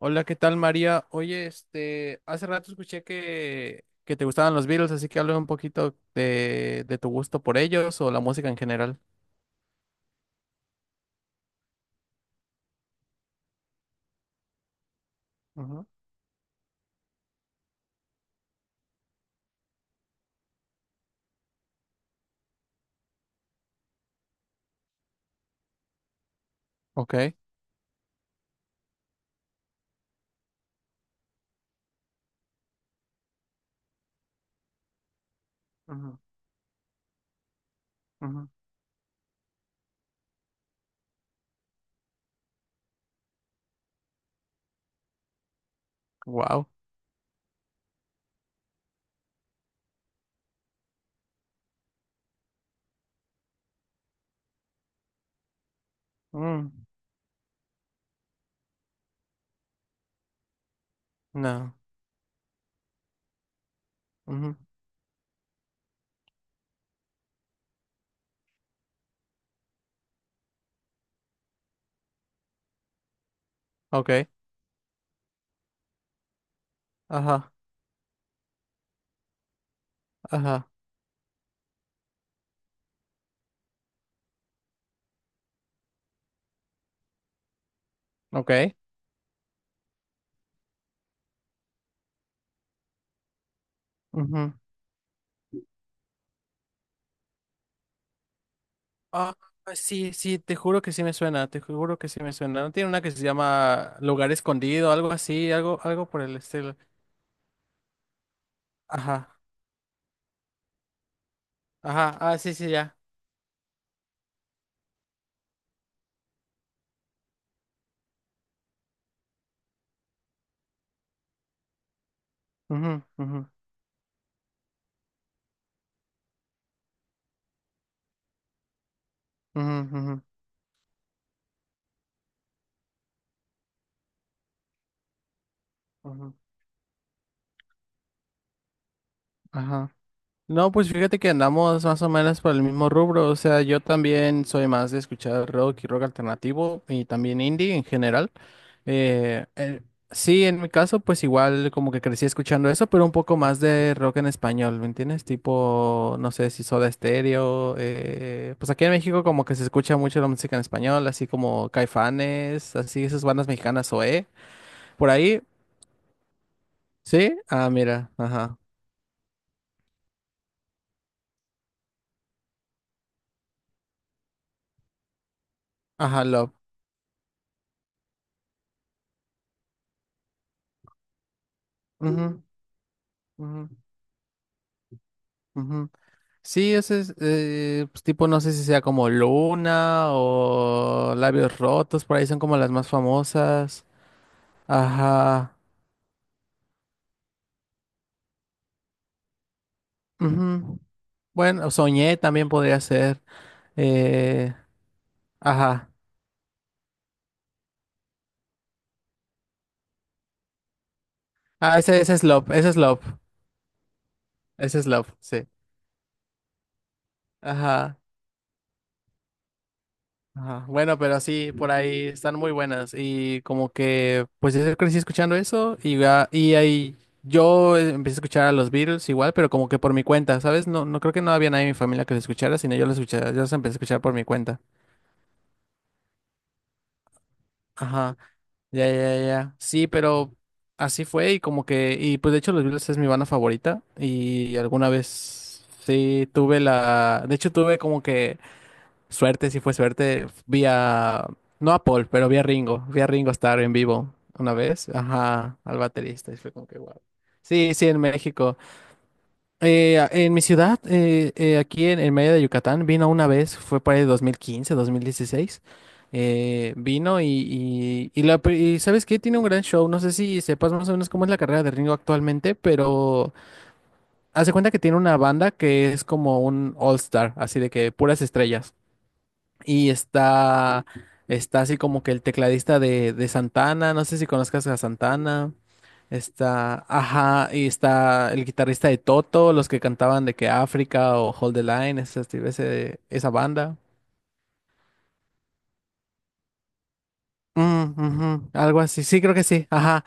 Hola, ¿qué tal, María? Oye, hace rato escuché que te gustaban los Beatles, así que hablé un poquito de tu gusto por ellos o la música en general. Ujú. Ok. Ujú, ujú, wow. Mm. No. Ujú. Ok, ajá, ajá, ok. Ujú. Ah, sí, sí, te juro que sí me suena, te juro que sí me suena. ¿No tiene una que se llama Lugar Escondido, algo así, algo, algo por el estilo? Ajá, ajá, ah, sí, sí, ya. Ujú, ujú, ujú, ujú, ujú. Ajá. No, pues fíjate que andamos más o menos por el mismo rubro. O sea, yo también soy más de escuchar rock y rock alternativo y también indie en general. Eh, eh, sí, en mi caso, pues igual como que crecí escuchando eso, pero un poco más de rock en español, ¿me entiendes? Tipo, no sé si Soda Stereo. Pues aquí en México como que se escucha mucho la música en español, así como Caifanes, así esas bandas mexicanas, OE. Por ahí, ¿sí? Ah, mira, ajá. Ajá, Love. Ujú, ujú, ujú. Sí, ese es pues, tipo, no sé si sea como Luna o Labios Rotos, por ahí son como las más famosas. Ajá. Ujú. Bueno, Soñé también podría ser. eh, ajá. Ah, ese es Love, ese es Love, sí. Ajá. Ajá. Bueno, pero sí, por ahí están muy buenas y como que pues yo crecí escuchando eso y, y ahí yo empecé a escuchar a los Beatles igual, pero como que por mi cuenta, ¿sabes? No, no creo que no había nadie en mi familia que los escuchara, sino yo los escuchaba, yo los empecé a escuchar por mi cuenta. Ajá, ya. Sí, pero así fue y como que, y pues de hecho los Beatles es mi banda favorita y alguna vez sí tuve la, de hecho tuve como que suerte, si fue suerte, no a Paul, pero vi a Ringo estar en vivo una vez, ajá, al baterista, y fue como que wow. Sí, sí, en México. En mi ciudad, aquí en medio de Yucatán, vino una vez, fue para el 2015, 2016, vino y y ¿sabes qué? Tiene un gran show, no sé si sepas más o menos cómo es la carrera de Ringo actualmente, pero hace cuenta que tiene una banda que es como un all-star, así de que puras estrellas. Y está, está así como que el tecladista de Santana, no sé si conozcas a Santana. Está, ajá, y está el guitarrista de Toto, los que cantaban de que África o Hold the Line, esa banda. Mm, ujú, algo así, sí, creo que sí, ajá.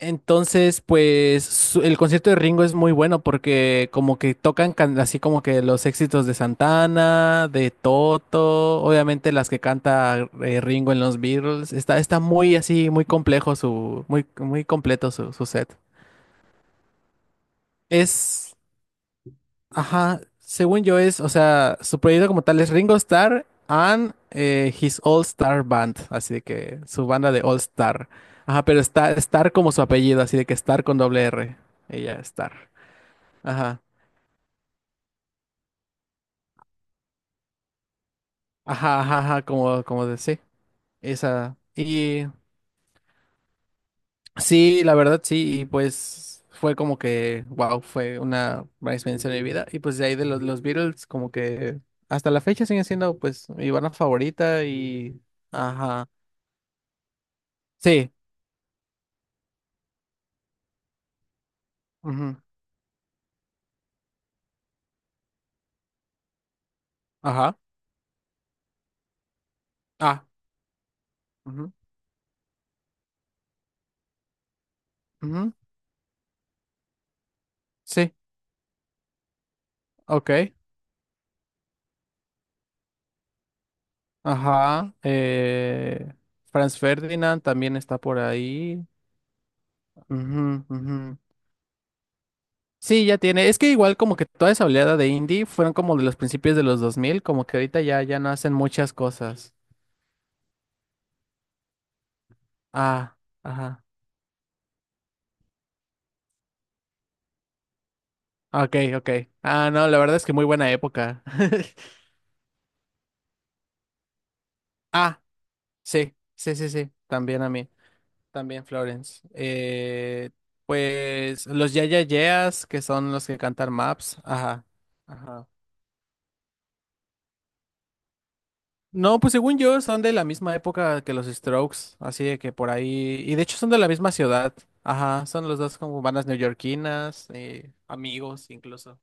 Entonces, pues el concierto de Ringo es muy bueno porque como que así como que los éxitos de Santana, de Toto, obviamente las que canta Ringo en los Beatles. Está muy así, muy complejo muy completo su, su set. Es ajá, según yo es, o sea, su proyecto como tal es Ringo Starr and his All Star Band, así de que su banda de All Star. Ajá, pero está Star como su apellido, así de que Star con doble R. Ella, Star. Ajá, ajá, como, como de sí, esa. Y sí, la verdad sí, y pues fue como que, wow, fue una gran experiencia de mi vida. Y pues de ahí de los Beatles, como que hasta la fecha siguen siendo pues mi banda favorita y, ajá. Sí. Ujú. Ajá. Ah. Ujú. Ujú. Sí, ok. Ajá. Franz Ferdinand también está por ahí. Ujú, ujú. Sí, ya tiene. Es que igual como que toda esa oleada de indie fueron como de los principios de los 2000 como que ahorita ya, ya no hacen muchas cosas. Ah, ajá. Ok, ok. Ah, no, la verdad es que muy buena época. Ah, sí, sí, sí, sí, también a mí. También Florence. Pues los Ya Ya Yeahs, que son los que cantan Maps. Ajá. Ajá. No, pues según yo son de la misma época que los Strokes, así de que por ahí. Y de hecho son de la misma ciudad. Ajá, son los dos como bandas neoyorquinas, amigos incluso.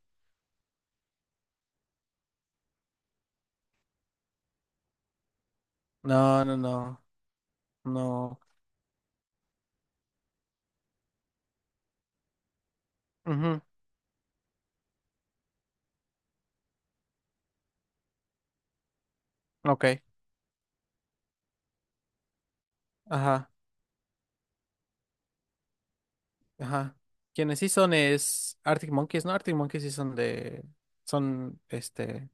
No, no, no, no. Ujú, ok, ajá, ajá. Quienes sí son es Arctic Monkeys, ¿no? Arctic Monkeys sí son de, son,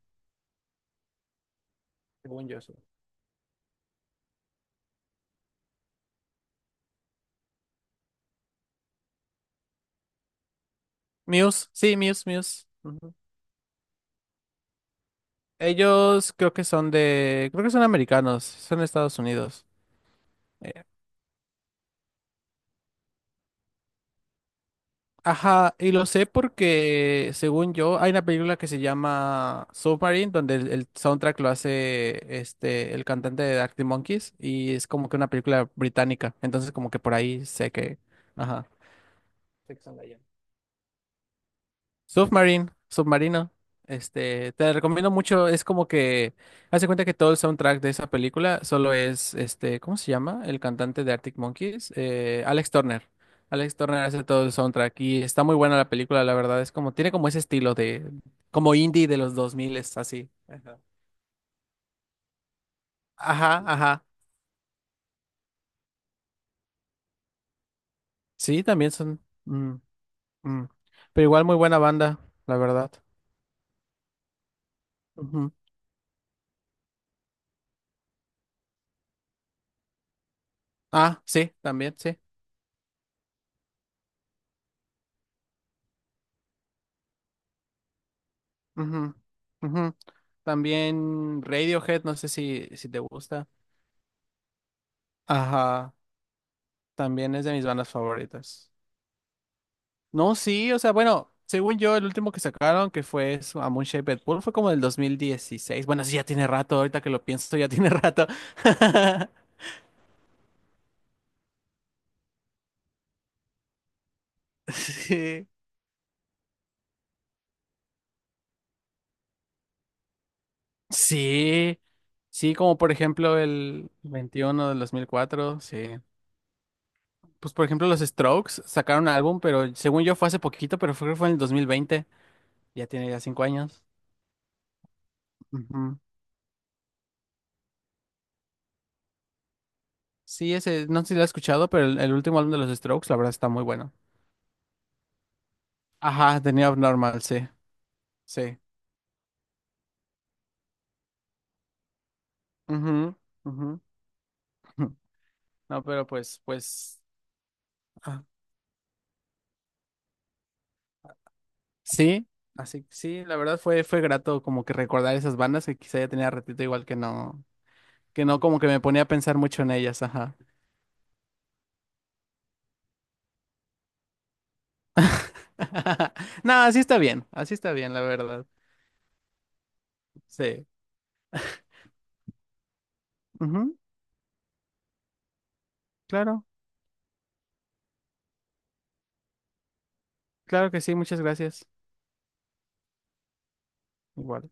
según yo. Sí. Muse, sí, Muse. Ujú. Ellos creo que son de, creo que son americanos, son de Estados Unidos. Eh, ajá, y lo sé porque, según yo, hay una película que se llama Submarine, donde el soundtrack lo hace este, el cantante de Arctic Monkeys, y es como que una película británica, entonces como que por ahí sé que, ajá. Sé que son de allá. Submarine, Submarino. Este, te recomiendo mucho. Es como que, haz de cuenta que todo el soundtrack de esa película solo es, este, ¿cómo se llama? El cantante de Arctic Monkeys, Alex Turner. Alex Turner hace todo el soundtrack y está muy buena la película, la verdad. Es como, tiene como ese estilo de, como indie de los 2000, es así. Ajá, ajá. Ajá. Sí, también son, mm, mm. Pero igual muy buena banda, la verdad. Ujú. Ah, sí, también, sí. Ujú, ujú. También Radiohead, no sé si, si te gusta. Ajá, también es de mis bandas favoritas. No, sí, o sea, bueno, según yo, el último que sacaron, que fue A Moon Shaped Pool, fue como del 2016. Bueno, sí, ya tiene rato, ahorita que lo pienso, ya tiene rato. Sí, sí, sí, como por ejemplo el 21 del 2004 sí. Pues por ejemplo los Strokes sacaron un álbum, pero según yo fue hace poquito, pero fue en el 2020 ya tiene ya 5 años. Ujú. Sí, ese, no sé si lo has escuchado, pero el último álbum de los Strokes, la verdad, está muy bueno. Ajá, The New Abnormal, sí, sí. Ujú, ujú. No, pero pues, ah, sí, así, sí, la verdad fue grato como que recordar esas bandas que quizá ya tenía ratito igual que no como que me ponía a pensar mucho en ellas, ajá. No, así está bien, la verdad, sí. Ujú, claro, claro que sí, muchas gracias. Igual.